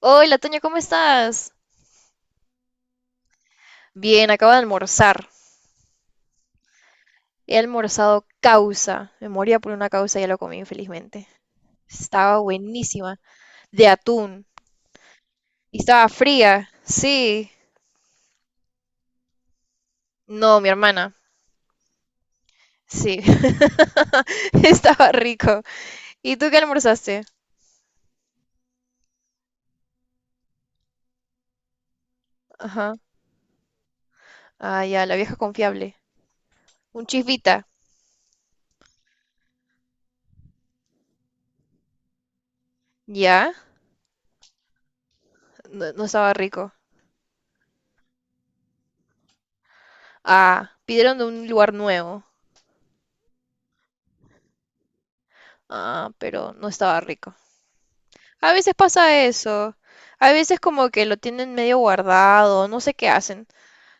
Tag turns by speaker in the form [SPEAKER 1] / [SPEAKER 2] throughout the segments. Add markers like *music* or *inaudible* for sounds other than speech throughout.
[SPEAKER 1] Hola, Toño, ¿cómo estás? Bien, acabo de almorzar. He almorzado causa. Me moría por una causa y ya lo comí, felizmente. Estaba buenísima. De atún. Y estaba fría. Sí. No, mi hermana. Sí. *laughs* Estaba rico. ¿Y tú qué almorzaste? Ajá. Ah, ya, la vieja confiable. Un chisvita. ¿Ya? No, no estaba rico. Ah, pidieron de un lugar nuevo. Ah, pero no estaba rico. A veces pasa eso. A veces como que lo tienen medio guardado, no sé qué hacen.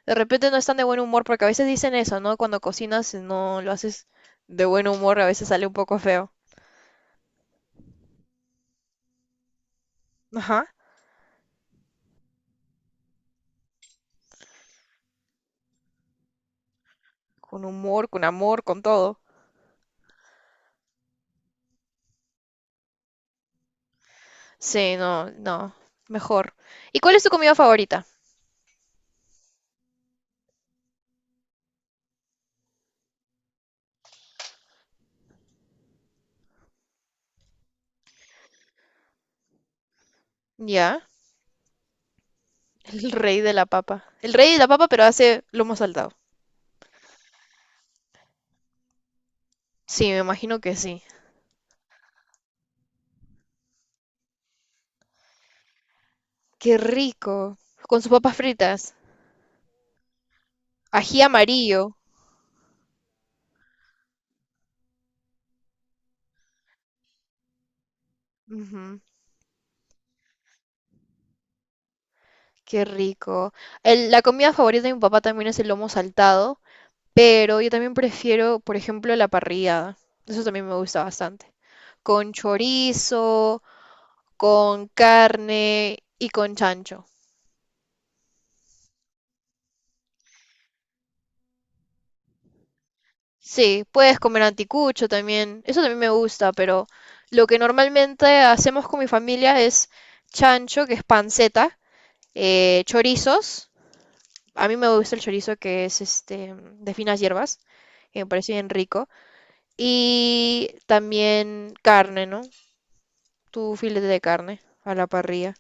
[SPEAKER 1] De repente no están de buen humor porque a veces dicen eso, ¿no? Cuando cocinas, si no lo haces de buen humor, a veces sale un poco feo. Ajá. Con humor, con amor, con todo. Sí, no, no. Mejor. ¿Y cuál es tu comida favorita? Ya, el rey de la papa. El rey de la papa, pero hace lomo saltado. Sí, me imagino que sí. Qué rico. Con sus papas fritas. Ají amarillo. Ujú. Qué rico. La comida favorita de mi papá también es el lomo saltado, pero yo también prefiero, por ejemplo, la parrillada. Eso también me gusta bastante. Con chorizo, con carne y con chancho. Sí, puedes comer anticucho también. Eso también me gusta, pero lo que normalmente hacemos con mi familia es chancho, que es panceta, chorizos. A mí me gusta el chorizo que es este de finas hierbas, que me parece bien rico. Y también carne, ¿no? Tu filete de carne a la parrilla.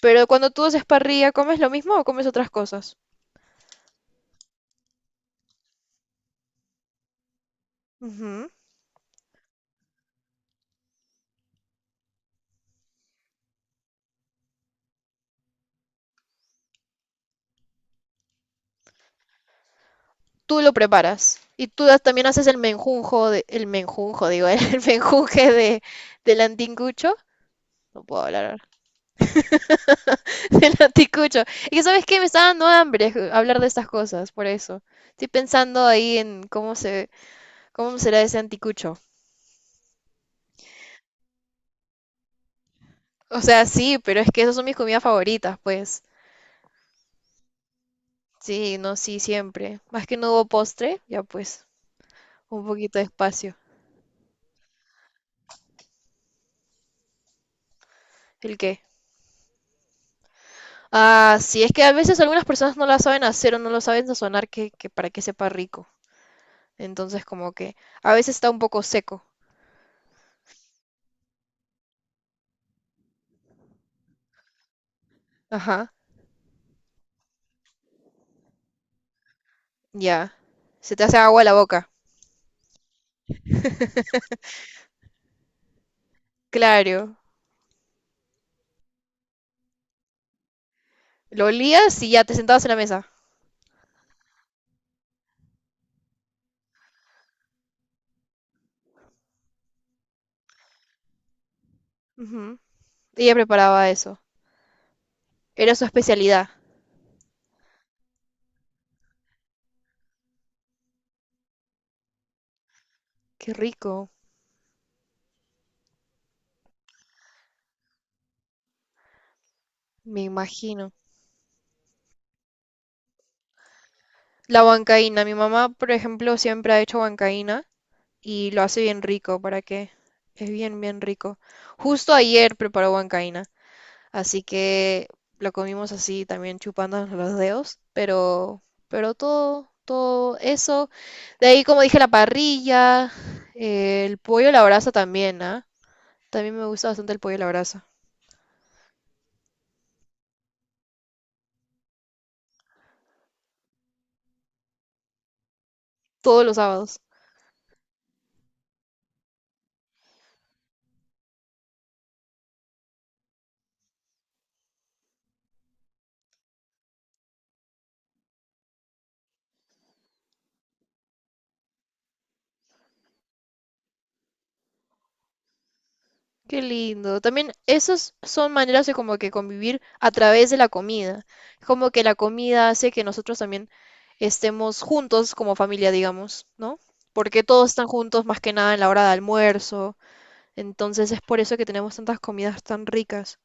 [SPEAKER 1] Pero cuando tú haces parrilla, ¿comes lo mismo o comes otras cosas? Ujú. Tú lo preparas. Y tú también haces el menjunjo, el menjunjo, digo, *laughs* el menjunje de, del antincucho. No puedo hablar ahora. *laughs* Del anticucho. Y que, sabes qué, me está dando hambre hablar de estas cosas, por eso. Estoy pensando ahí en cómo será ese anticucho. O sea, sí, pero es que esas son mis comidas favoritas, pues. Sí, no, sí, siempre. Más que no hubo postre, ya pues, un poquito de espacio. ¿El qué? Ah, sí, es que a veces algunas personas no la saben hacer o no lo saben sazonar que para que sepa rico. Entonces, como que a veces está un poco seco. Ajá, ya. Se te hace agua la boca. Claro. Lo olías y ya te sentabas en la mesa. Ujú. Ella preparaba eso. Era su especialidad. Qué rico, me imagino. La huancaína. Mi mamá, por ejemplo, siempre ha hecho huancaína y lo hace bien rico, ¿para qué? Es bien, bien rico. Justo ayer preparó huancaína, así que lo comimos así también chupándonos *laughs* los dedos, pero todo eso. De ahí, como dije, la parrilla, el pollo a la brasa también, ¿ah? También me gusta bastante el pollo a la brasa, todos los sábados. Qué lindo. También esas son maneras de como que convivir a través de la comida. Como que la comida hace que nosotros también estemos juntos como familia, digamos, ¿no? Porque todos están juntos más que nada en la hora de almuerzo. Entonces es por eso que tenemos tantas comidas tan ricas.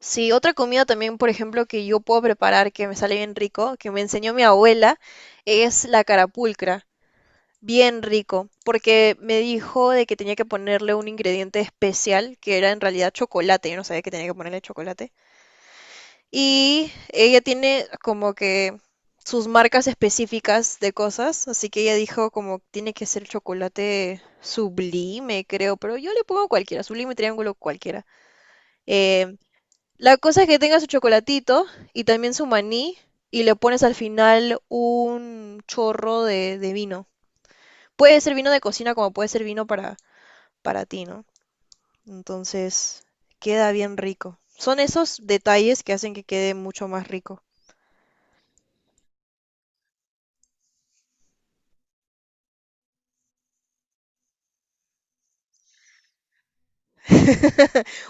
[SPEAKER 1] Sí, otra comida también, por ejemplo, que yo puedo preparar, que me sale bien rico, que me enseñó mi abuela, es la carapulcra. Bien rico, porque me dijo de que tenía que ponerle un ingrediente especial, que era en realidad chocolate, yo no sabía que tenía que ponerle chocolate. Y ella tiene como que sus marcas específicas de cosas, así que ella dijo como tiene que ser chocolate Sublime, creo, pero yo le pongo cualquiera, Sublime, Triángulo, cualquiera. Eh, la cosa es que tenga su chocolatito y también su maní y le pones al final un chorro de vino. Puede ser vino de cocina como puede ser vino para ti, ¿no? Entonces, queda bien rico. Son esos detalles que hacen que quede mucho más rico.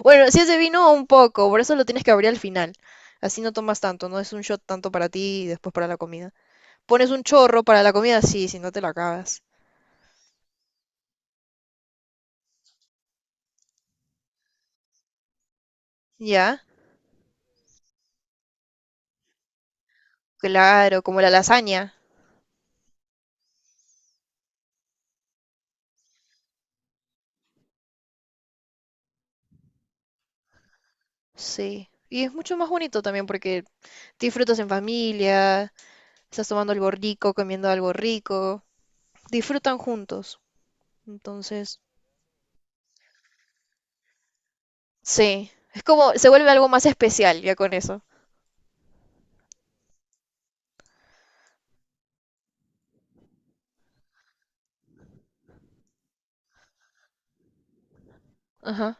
[SPEAKER 1] Bueno, si es de vino, un poco, por eso lo tienes que abrir al final. Así no tomas tanto, no es un shot tanto para ti y después para la comida. Pones un chorro para la comida, sí, si no te lo acabas. ¿Ya? Claro, como la lasaña. Sí. Y es mucho más bonito también porque disfrutas en familia, estás tomando algo rico, comiendo algo rico, disfrutan juntos. Entonces, sí, es como, se vuelve algo más especial ya con eso. Ajá.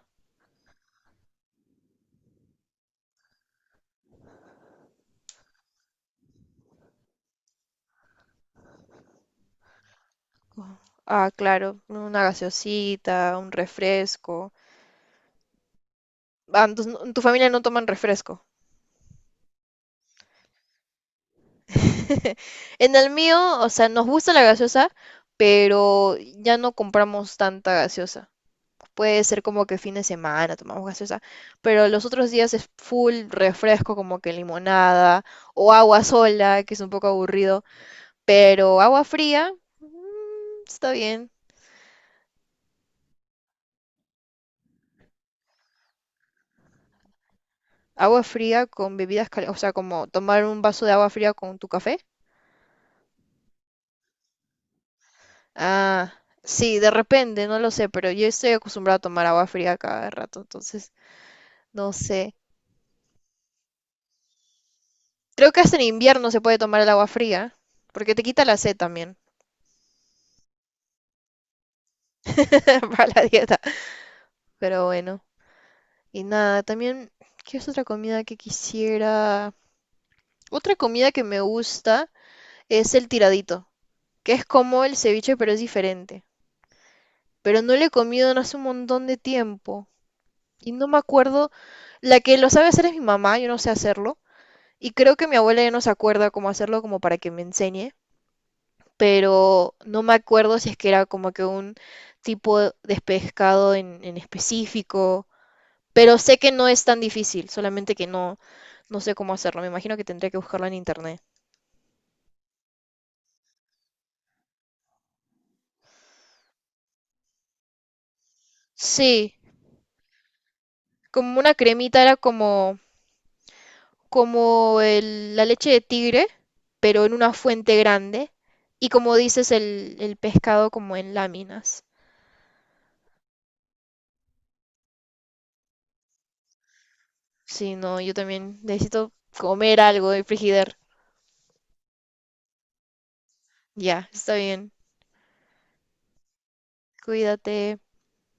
[SPEAKER 1] Ujú. Ah, claro, una gaseosita, un refresco. Ah, entonces en tu familia no toman refresco. *laughs* En el mío, o sea, nos gusta la gaseosa, pero ya no compramos tanta gaseosa. Puede ser como que fin de semana tomamos gaseosa, pero los otros días es full refresco, como que limonada o agua sola, que es un poco aburrido, pero agua fría, mm, está bien. Agua fría con bebidas calientes, o sea, como tomar un vaso de agua fría con tu café. Ah, sí, de repente, no lo sé, pero yo estoy acostumbrada a tomar agua fría cada rato, entonces, no sé. Creo que hasta en invierno se puede tomar el agua fría, porque te quita la sed también *laughs* para la dieta. Pero bueno, y nada, también, ¿qué es otra comida que quisiera? Otra comida que me gusta es el tiradito, que es como el ceviche, pero es diferente. Pero no lo he comido en hace un montón de tiempo. Y no me acuerdo, la que lo sabe hacer es mi mamá, yo no sé hacerlo. Y creo que mi abuela ya no se acuerda cómo hacerlo como para que me enseñe, pero no me acuerdo si es que era como que un tipo de pescado en específico. Pero sé que no es tan difícil, solamente que no, no sé cómo hacerlo. Me imagino que tendría que buscarlo en internet. Sí, como una cremita era como, como la leche de tigre, pero en una fuente grande. Y como dices, el pescado como en láminas. Sí, no, yo también necesito comer algo de Frigidaire. Ya, está bien. Cuídate.